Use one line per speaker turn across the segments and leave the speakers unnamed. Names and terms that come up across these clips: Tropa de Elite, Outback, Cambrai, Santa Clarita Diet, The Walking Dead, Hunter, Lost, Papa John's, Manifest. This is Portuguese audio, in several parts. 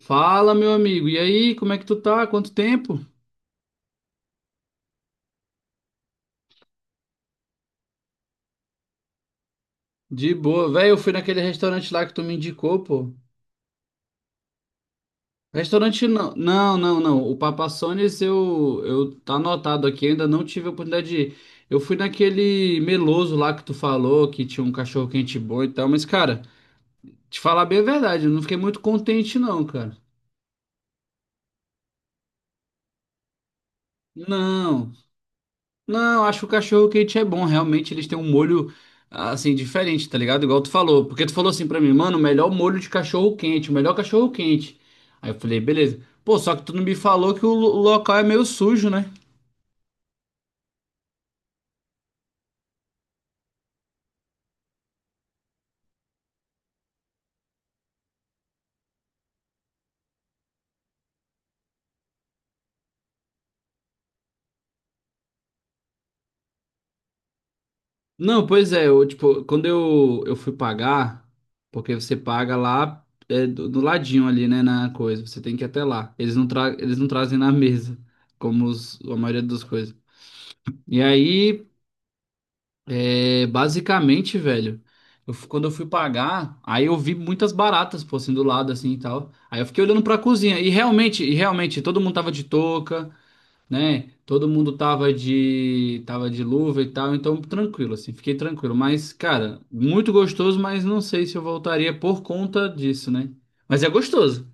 Fala, meu amigo. E aí, como é que tu tá? Quanto tempo? De boa. Velho, eu fui naquele restaurante lá que tu me indicou, pô. Restaurante não. Não, não, não. O Papa John's eu tá anotado aqui, ainda não tive a oportunidade de ir. Eu fui naquele meloso lá que tu falou, que tinha um cachorro quente bom e tal, mas, cara, te falar bem a verdade, eu não fiquei muito contente, não, cara. Não. Não, acho que o cachorro quente é bom. Realmente eles têm um molho assim diferente, tá ligado? Igual tu falou. Porque tu falou assim pra mim, mano, o melhor molho de cachorro quente, o melhor cachorro quente. Aí eu falei, beleza. Pô, só que tu não me falou que o local é meio sujo, né? Não, pois é. Eu, tipo, quando eu fui pagar, porque você paga lá é, do ladinho ali, né, na coisa. Você tem que ir até lá. Eles não trazem na mesa, como a maioria das coisas. E aí. É, basicamente, velho, quando eu fui pagar, aí eu vi muitas baratas, pô, assim, do lado, assim, e tal. Aí eu fiquei olhando pra cozinha, e realmente, todo mundo tava de touca, né? Todo mundo tava de luva e tal, então tranquilo, assim, fiquei tranquilo. Mas, cara, muito gostoso, mas não sei se eu voltaria por conta disso, né? Mas é gostoso.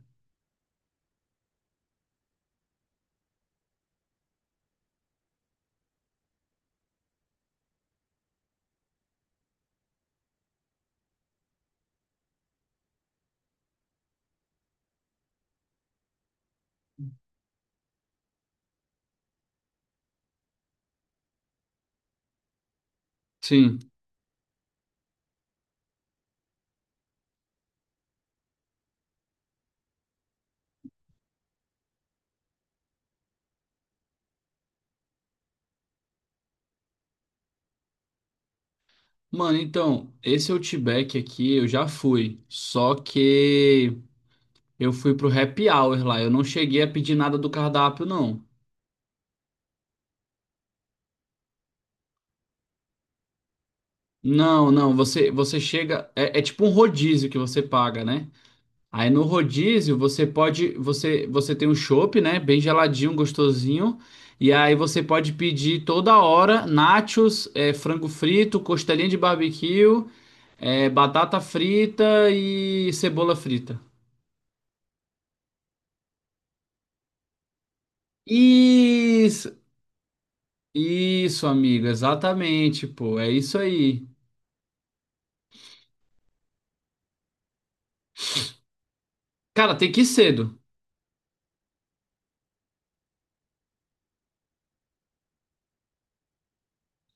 Sim. Mano, então, esse Outback aqui eu já fui, só que... Eu fui pro happy hour lá. Eu não cheguei a pedir nada do cardápio, não. Não, não. Você chega. É tipo um rodízio que você paga, né? Aí no rodízio você pode. Você tem um chopp, né? Bem geladinho, gostosinho. E aí você pode pedir toda hora nachos, frango frito, costelinha de barbecue, batata frita e cebola frita. Isso, isso, amigo. Exatamente, pô. É isso aí. Cara, tem que ir cedo.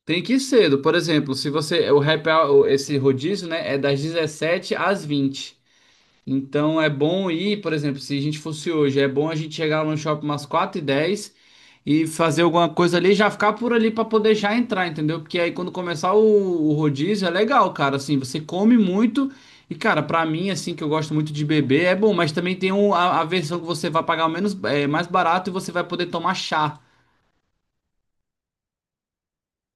Tem que ir cedo. Por exemplo, se você. O happy hour, esse rodízio, né? É das 17h às 20h. Então é bom ir, por exemplo, se a gente fosse hoje, é bom a gente chegar lá no shopping umas 4h10 e fazer alguma coisa ali, já ficar por ali para poder já entrar, entendeu? Porque aí quando começar o rodízio é legal, cara. Assim, você come muito. E, cara, pra mim, assim, que eu gosto muito de beber, é bom, mas também tem a versão que você vai pagar menos, mais barato e você vai poder tomar chá.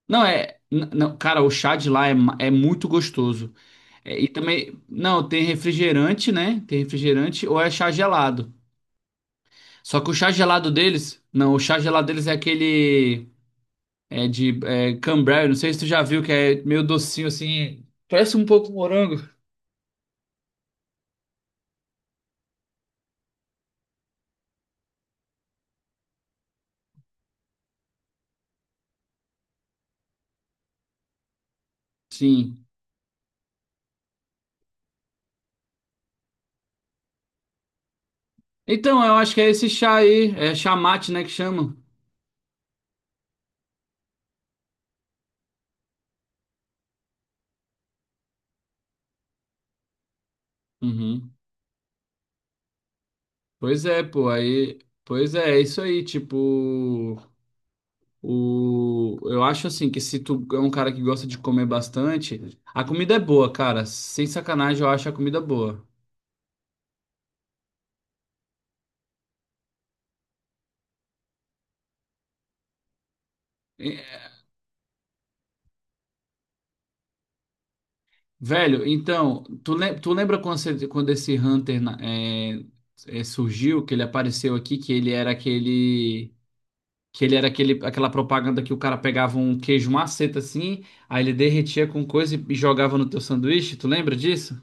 Não, é. Não, cara, o chá de lá é muito gostoso. É, e também. Não, tem refrigerante, né? Tem refrigerante ou é chá gelado. Só que o chá gelado deles. Não, o chá gelado deles é aquele. É de Cambrai, não sei se tu já viu, que é meio docinho assim. Parece um pouco morango. Sim. Então, eu acho que é esse chá aí. É chá mate, né? Que chamam. Uhum. Pois é, pô. Aí. Pois é, é isso aí. Tipo. Eu acho assim que se tu é um cara que gosta de comer bastante, a comida é boa, cara. Sem sacanagem, eu acho a comida boa. E- Velho, então, tu lembra quando esse Hunter surgiu, que ele apareceu aqui, que ele era aquele. Que ele era aquele, aquela propaganda que o cara pegava um queijo maceta assim, aí ele derretia com coisa e jogava no teu sanduíche, tu lembra disso?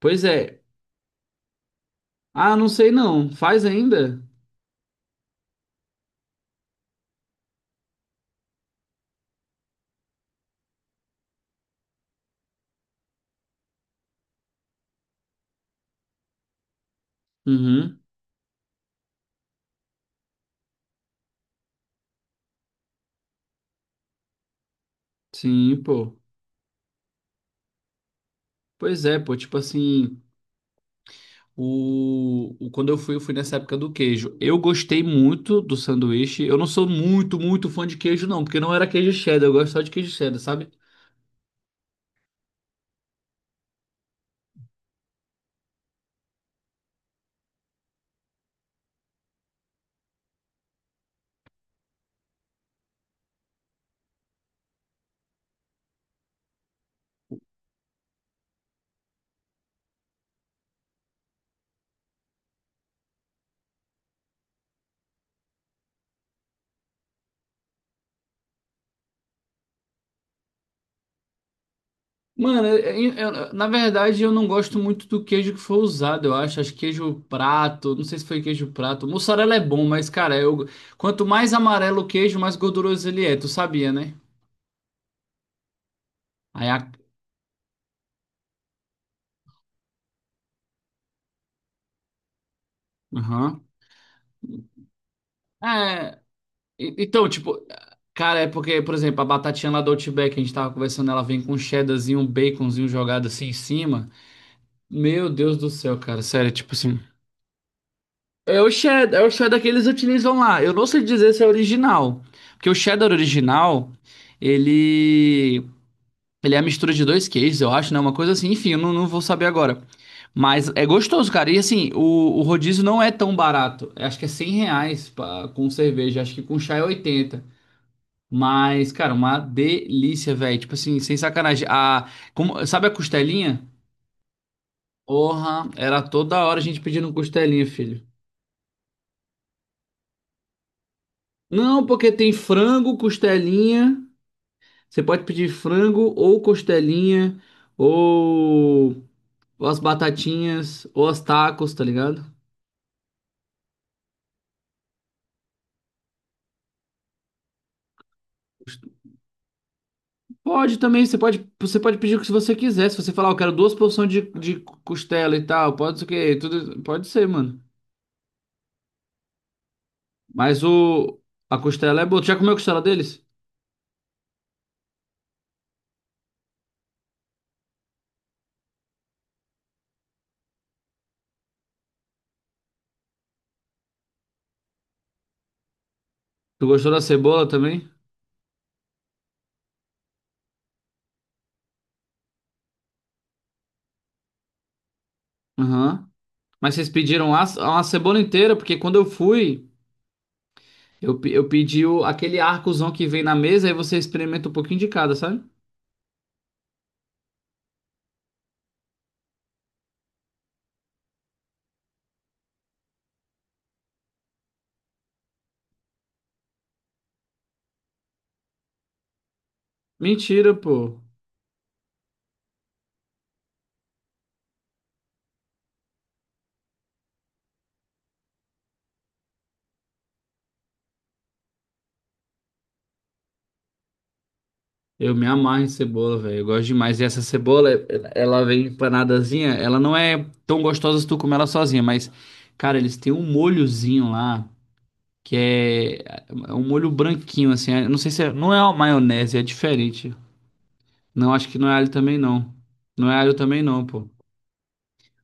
Pois é. Ah, não sei não. Faz ainda? Uhum. Sim, pô. Pois é, pô, tipo assim, quando eu fui nessa época do queijo. Eu gostei muito do sanduíche. Eu não sou muito, muito fã de queijo, não, porque não era queijo cheddar, eu gosto só de queijo cheddar, sabe? Mano, na verdade, eu não gosto muito do queijo que foi usado, eu acho. Acho que queijo prato, não sei se foi queijo prato. Mussarela é bom, mas, cara, quanto mais amarelo o queijo, mais gorduroso ele é, tu sabia, né? Aí a. Aham. É. Então, tipo, cara, é porque, por exemplo, a batatinha lá do Outback, a gente tava conversando, ela vem com um cheddarzinho, um baconzinho jogado assim em cima. Meu Deus do céu, cara, sério, tipo assim. É o cheddar que eles utilizam lá. Eu não sei dizer se é original, porque o cheddar original, ele ele é a mistura de dois queijos, eu acho, né? Uma coisa assim, enfim, eu não vou saber agora. Mas é gostoso, cara. E assim, o rodízio não é tão barato. Eu acho que é R$ 100 pra, com cerveja, acho que com chá é 80. Mas, cara, uma delícia, velho. Tipo assim, sem sacanagem. Sabe a costelinha? Porra, era toda hora a gente pedindo costelinha, filho. Não, porque tem frango, costelinha. Você pode pedir frango ou costelinha, ou, ou as batatinhas, ou as tacos, tá ligado? Pode também, você pode pedir o que você quiser. Se você falar, "Ah, eu quero duas porções de costela e tal, pode ser o quê? Tudo, pode ser, mano. Mas a costela é boa. Tu já comeu a costela deles? Tu gostou da cebola também? Aham. Mas vocês pediram a cebola inteira, porque quando eu fui, eu pedi aquele arcozão que vem na mesa, aí você experimenta um pouquinho de cada, sabe? Mentira, pô. Eu me amarro em cebola, velho. Eu gosto demais. E essa cebola, ela vem empanadazinha. Ela não é tão gostosa se tu comer ela sozinha, mas, cara, eles têm um molhozinho lá, que é um molho branquinho, assim. Eu não sei se é, não é uma maionese, é diferente. Não, acho que não é alho também, não. Não é alho também, não, pô.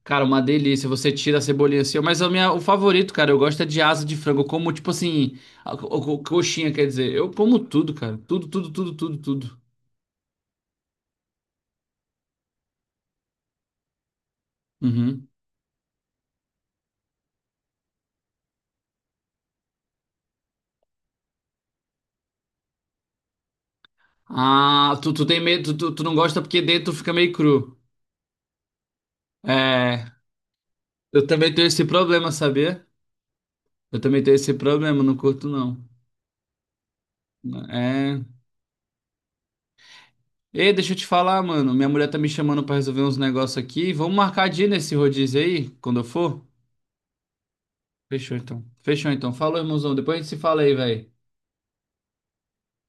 Cara, uma delícia. Você tira a cebolinha assim. Mas o favorito, cara, eu gosto é de asa de frango. Eu como, tipo assim, coxinha, quer dizer. Eu como tudo, cara. Tudo, tudo, tudo, tudo, tudo. Uhum. Ah, tu tem medo, tu não gosta porque dentro fica meio cru. É, eu também tenho esse problema, sabia? Eu também tenho esse problema, não curto não. É. Ei, deixa eu te falar, mano. Minha mulher tá me chamando pra resolver uns negócios aqui. Vamos marcar dia nesse rodízio aí, quando eu for? Fechou então. Fechou então. Falou, irmãozão. Depois a gente se fala aí, velho.